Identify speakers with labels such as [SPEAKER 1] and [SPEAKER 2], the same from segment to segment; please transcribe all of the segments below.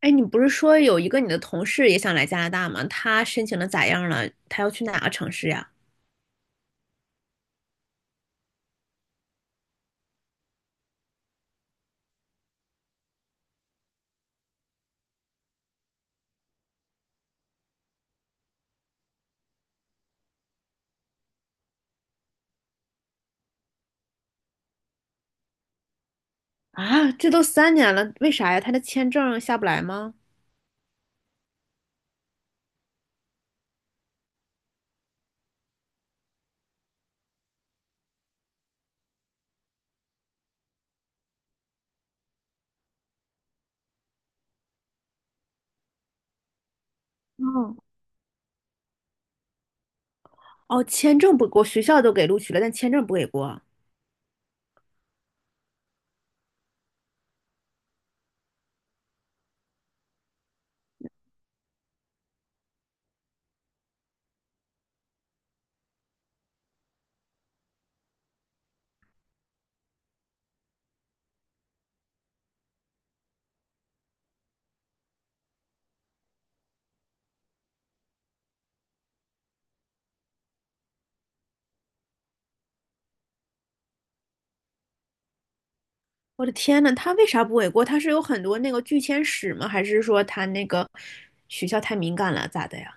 [SPEAKER 1] 哎，你不是说有一个你的同事也想来加拿大吗？他申请的咋样了？他要去哪个城市呀？啊，这都3年了，为啥呀？他的签证下不来吗？哦，哦，签证不过，学校都给录取了，但签证不给过。我的天呐，他为啥不给过？他是有很多那个拒签史吗？还是说他那个学校太敏感了，咋的呀？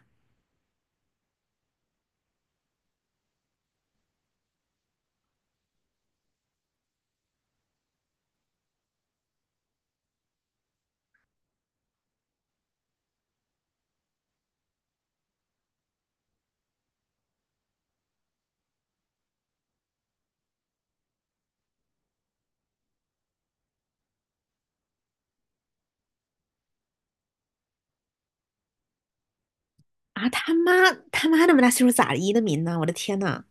[SPEAKER 1] 啊，他妈那么大岁数咋移的民呢？我的天呐！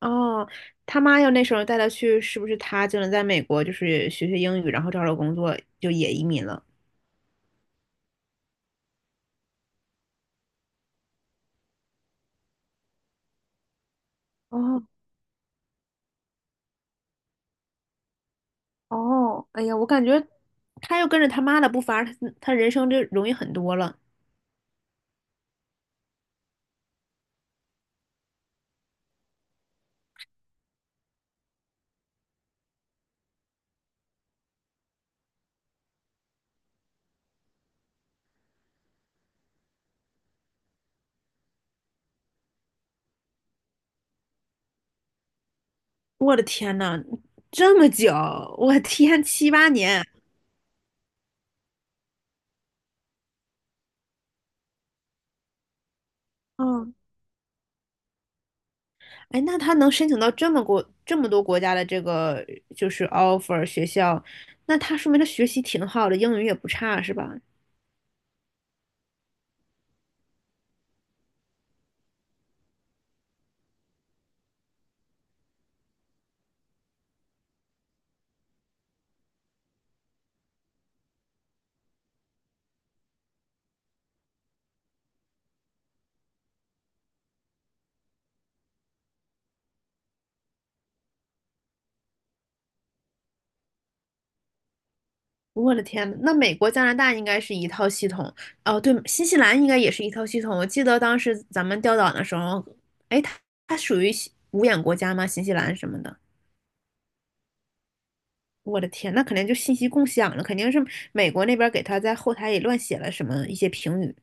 [SPEAKER 1] 哦，他妈要那时候带他去，是不是他就能在美国就是学学英语，然后找找工作，就也移民了？哦哦，哎呀，我感觉他要跟着他妈的步伐，他人生就容易很多了。我的天呐，这么久，我的天，7、8年，嗯，哎，那他能申请到这么国这么多国家的这个就是 offer 学校，那他说明他学习挺好的，英语也不差，是吧？我的天呐，那美国、加拿大应该是一套系统，哦，对，新西兰应该也是一套系统。我记得当时咱们调档的时候，哎，它属于无五眼国家吗？新西兰什么的？我的天，那肯定就信息共享了，肯定是美国那边给他在后台里乱写了什么一些评语。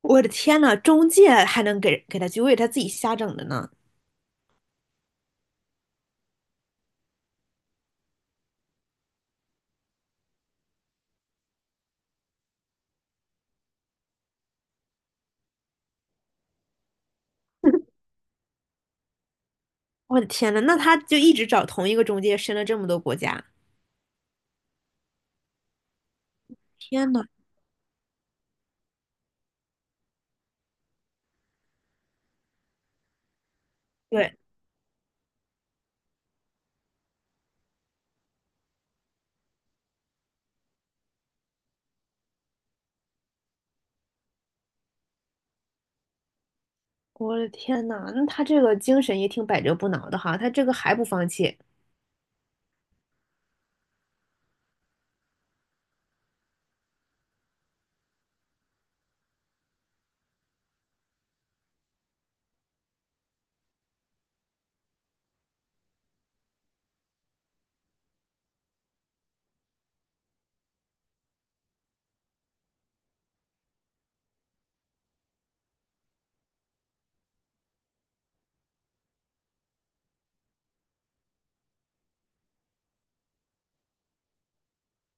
[SPEAKER 1] 我的天呐，中介还能给他机会，就为他自己瞎整的呢 我的天呐，那他就一直找同一个中介，申了这么多国家。天呐，对，我的天呐，那他这个精神也挺百折不挠的哈，他这个还不放弃。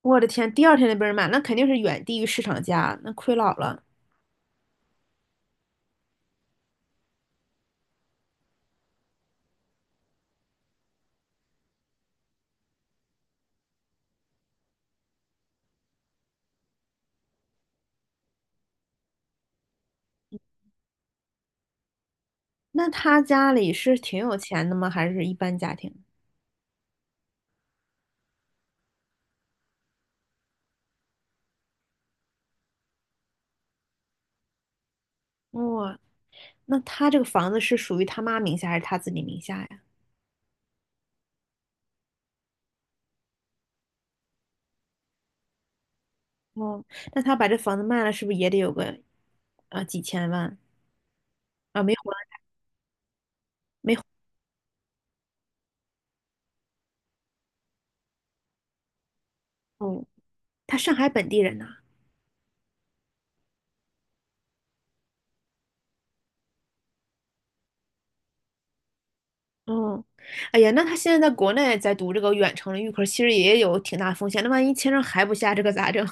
[SPEAKER 1] 我的天，第二天就被人买，那肯定是远低于市场价，那亏老了。那他家里是挺有钱的吗？还是一般家庭？哇、那他这个房子是属于他妈名下还是他自己名下呀？哦，那他把这房子卖了，是不是也得有个啊几千万啊？没有啊？哦，他上海本地人呐、哦，哎呀，那他现在在国内在读这个远程的预科，其实也有挺大风险。那万一签证还不下，这可咋整？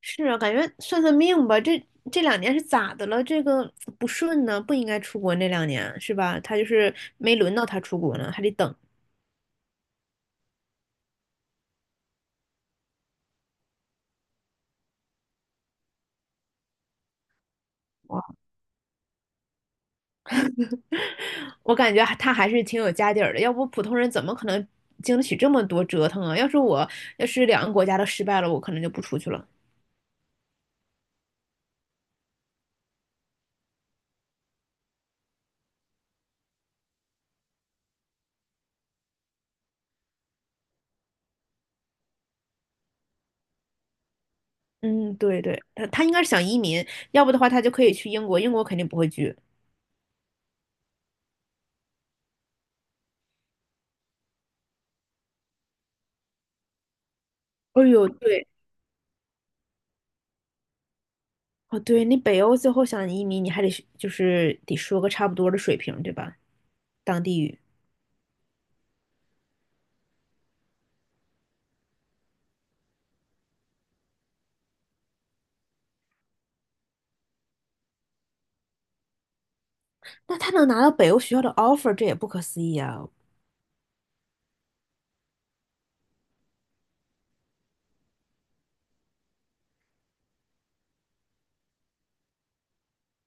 [SPEAKER 1] 是啊，感觉算算命吧，这两年是咋的了？这个不顺呢，不应该出国那2年是吧？他就是没轮到他出国呢，还得等。哇我感觉他还是挺有家底儿的，要不普通人怎么可能经得起这么多折腾啊？要是我，要是2个国家都失败了，我可能就不出去了。嗯，对对，他应该是想移民，要不的话他就可以去英国，英国肯定不会拒。哎呦，对，哦对，你北欧最后想移民，你还得是就是得说个差不多的水平，对吧？当地语。那他能拿到北欧学校的 offer，这也不可思议啊！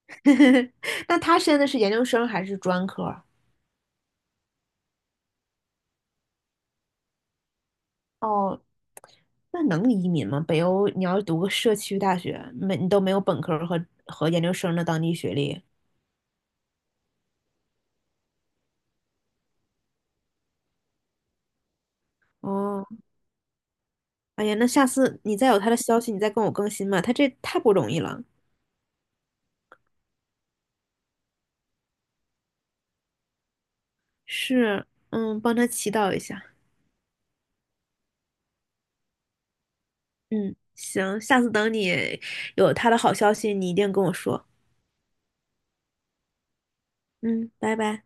[SPEAKER 1] 那他现在是研究生还是专科啊哦，那能移民吗？北欧你要读个社区大学，没你都没有本科儿和研究生的当地学历。哦，哎呀，那下次你再有他的消息，你再跟我更新吧。他这太不容易了。是，嗯，帮他祈祷一下。嗯，行，下次等你有他的好消息，你一定跟我说。嗯，拜拜。